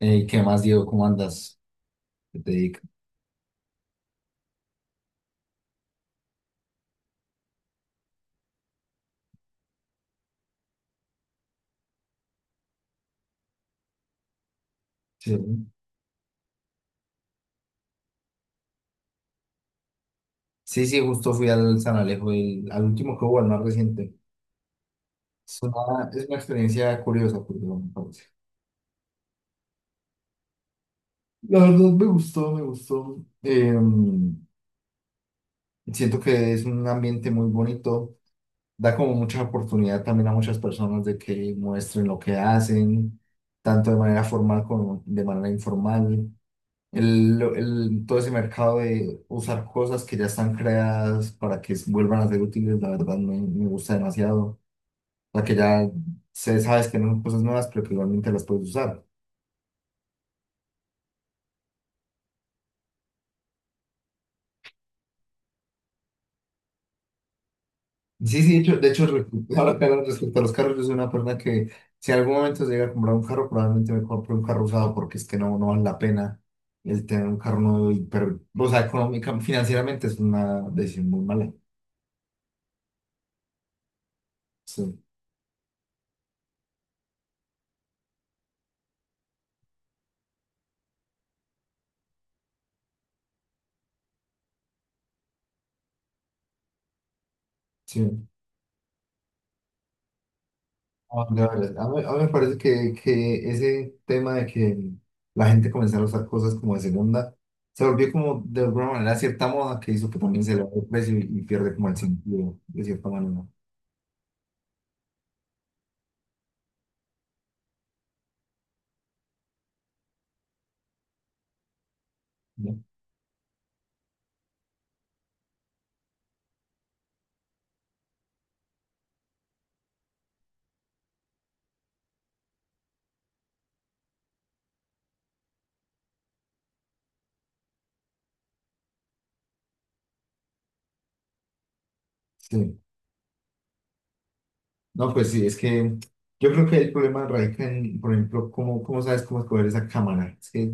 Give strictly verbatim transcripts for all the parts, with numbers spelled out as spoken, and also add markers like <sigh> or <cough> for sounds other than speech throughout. Ey, ¿qué más, Diego? ¿Cómo andas? ¿Qué te dedicas? Sí, sí, sí, justo fui al San Alejo, el- al último que hubo, al más reciente. Es una, es una experiencia curiosa, porque me parece. La verdad me gustó, me gustó. Em, siento que es un ambiente muy bonito. Da como mucha oportunidad también a muchas personas de que muestren lo que hacen, tanto de manera formal como de manera informal. El- el- todo ese mercado de usar cosas que ya están creadas para que vuelvan a ser útiles, la verdad me, me gusta demasiado. O sea, que ya se sabes que no son cosas nuevas, pero que igualmente las puedes usar. Sí, sí, de hecho, de hecho, re- <laughs> ahora que hablas respecto a los carros, yo soy una persona que si en algún momento se llega a comprar un carro, probablemente me compre un carro usado porque es que no, no vale la pena el tener un carro nuevo, y, pero, o sea, económica, financieramente es una decisión muy mala. Sí, sí. Ah, de verdad. A mí, a mí me parece que, que ese tema de que la gente comenzara a usar cosas como de segunda se volvió como de alguna manera cierta moda que hizo que también se le vaya el precio y, y pierde como el sentido de cierta manera. ¿No? Sí. No, pues sí, es que yo creo que el problema radica en, por ejemplo, cómo, cómo sabes cómo escoger esa cámara. Es que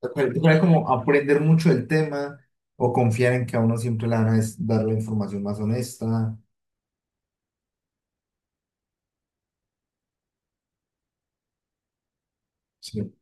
toca- toca como aprender mucho del tema o confiar en que a uno siempre le van a des- dar la información más honesta. ¿Sí?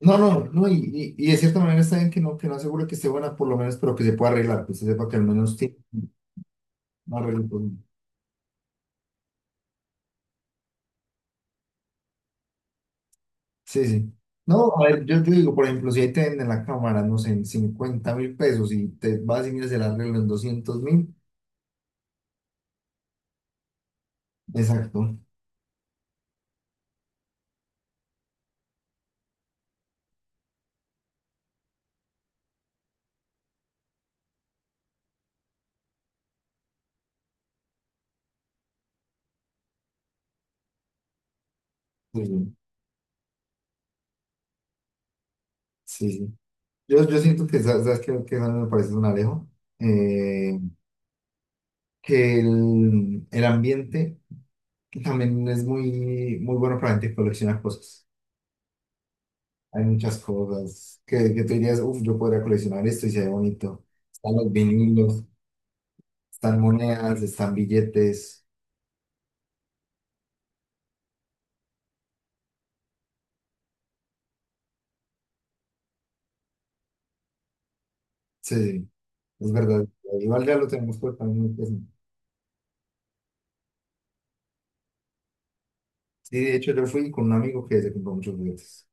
No, no, no, y, y, y de cierta manera está bien que no, que no asegure que esté buena por lo menos, pero que se pueda arreglar, que se sepa que al menos tiene un arreglo. Pues, sí, sí. No, a ver, yo, yo, digo, por ejemplo, si ahí te venden la cámara, no sé, en cincuenta mil pesos y te vas y miras el arreglo en doscientos mil, exacto. Sí, sí. Sí, sí. Yo, yo siento que, sa- ¿sabes qué? ¿Que me parece un alejo? Eh, que el, el ambiente también es muy, muy bueno para la gente que colecciona cosas. Hay muchas cosas que, que tú dirías, uff, yo podría coleccionar esto y se ve bonito. Están los vinilos, están monedas, están billetes. Sí, sí, es verdad. Igual ya lo tenemos por también muy presente. Sí, de hecho yo fui con un amigo que se compró muchos juguetes.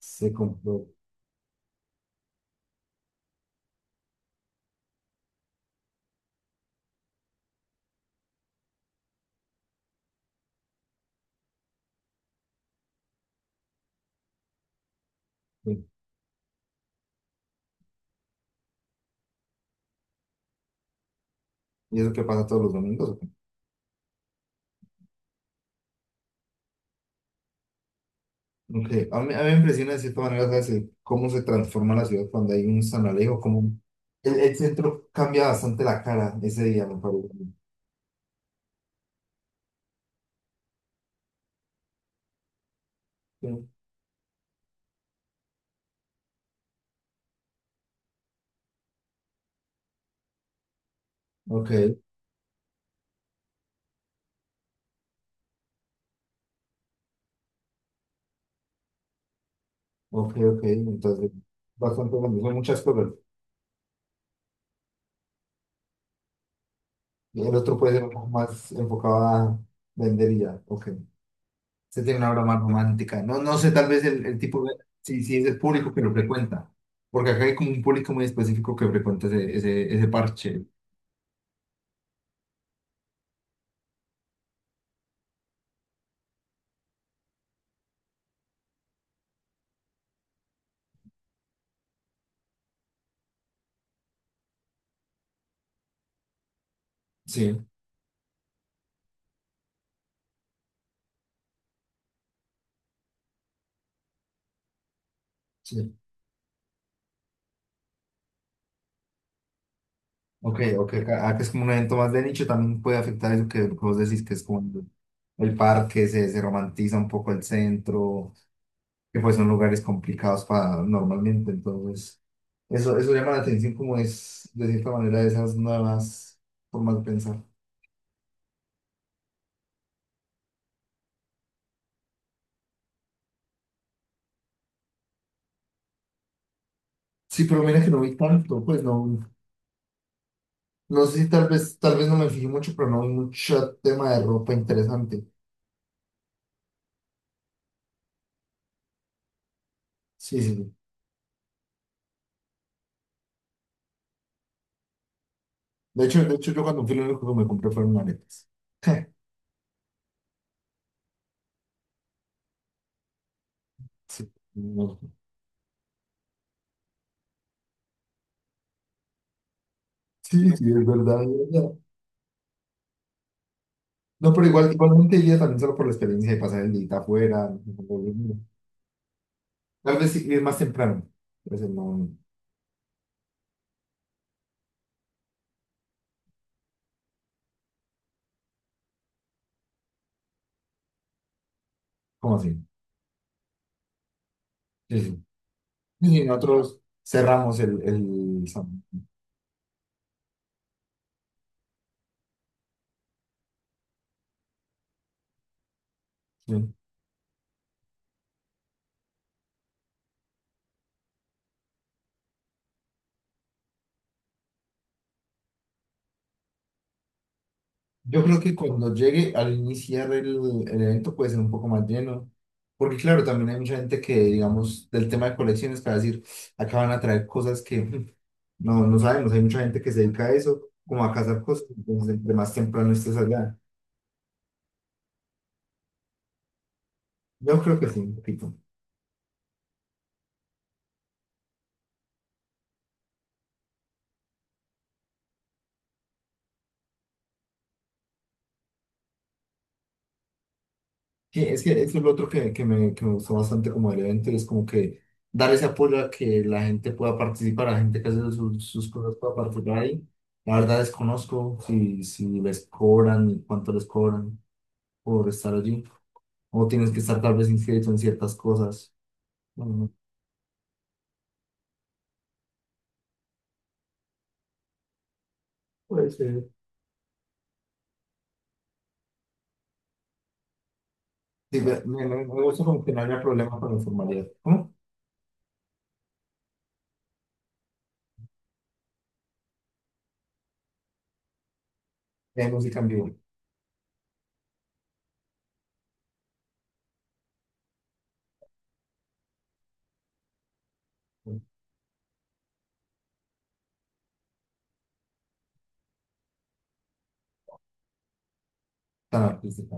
Se compró. Sí. Y eso que pasa todos los domingos. Ok. A mí, a mí me impresiona de cierta manera, ¿sabes? El cómo se transforma la ciudad cuando hay un San Alejo, cómo el, el centro cambia bastante la cara ese día, me parece. Sí. Ok. Ok, ok, entonces bastante bueno, son muchas cosas. Y el otro puede ser un poco más enfocado a vender y ya, ok. Usted tiene una obra más romántica. No, no sé, tal vez el, el tipo, de- si, si es el público que lo frecuenta, porque acá hay como un público muy específico que frecuenta ese, ese, ese parche. Sí, sí. Ok, ok, acá, acá es como un evento más de nicho, también puede afectar eso que vos decís, que es como el parque, se, se romantiza un poco el centro. Que pues son lugares complicados para normalmente. Entonces, eso, eso llama la atención como es, de cierta manera, esas nuevas formas de pensar. Sí, pero mira que no vi tanto, pues no, no sé si tal vez, tal vez no me fijé mucho, pero no vi mucho tema de ropa interesante. Sí, sí. Sí. De hecho, de hecho yo cuando fui lo único que me compré fueron aretes. <laughs> Sí, no. Sí, sí, es verdad, es verdad. No, pero igual, igualmente iría también solo por la experiencia de pasar el día afuera. No, no, no, no. Tal vez sí, ir más temprano. Pero no, no. ¿Cómo así? Sí, sí. Y nosotros cerramos el, el examen, sí. Yo creo que cuando llegue al iniciar el, el evento puede ser un poco más lleno, porque claro, también hay mucha gente que, digamos, del tema de colecciones, para decir, acá van a traer cosas que <laughs> mm, no, no sabemos, hay mucha gente que se dedica a eso, como a cazar cosas, entonces entre más temprano estés allá. Yo creo que sí, un poquito. Sí, es que eso es lo otro que, que me, que me gustó bastante como del evento y es como que dar ese apoyo a que la gente pueda participar, la gente que hace sus, sus cosas pueda participar ahí. La verdad desconozco si, si les cobran y cuánto les cobran por estar allí o tienes que estar tal vez inscrito en ciertas cosas. Bueno, puede ser. Sí, me, me, me- me gusta como que no haya problema con la informalidad. ¿Cómo? Hay música en vivo. Tan artística.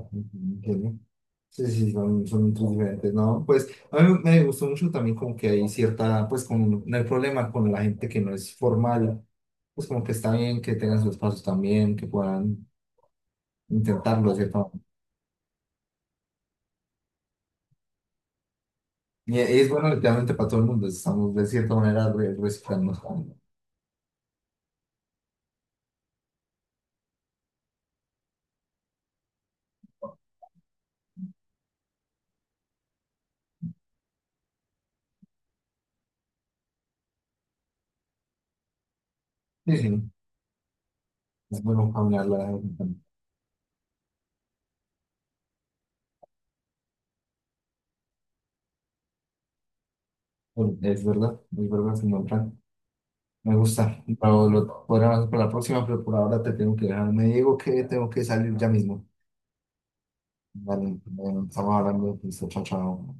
Sí, sí, sí, son, son muy diferentes, ¿no? Pues a mí me gustó mucho también como que hay cierta, pues con no hay problema con la gente que no es formal, pues como que está bien que tengan sus pasos también, que puedan intentarlo, ¿cierto? Y e, es bueno literalmente para todo el mundo, estamos de cierta manera re- reciclando. Sí, sí, es bueno caminar la bueno, es verdad, es verdad, señor Fran. Me gusta, pero lo podremos para la próxima, pero por ahora te tengo que dejar. Me digo que tengo que salir ya mismo. Vale, bueno, estamos hablando, listo, chao, chao.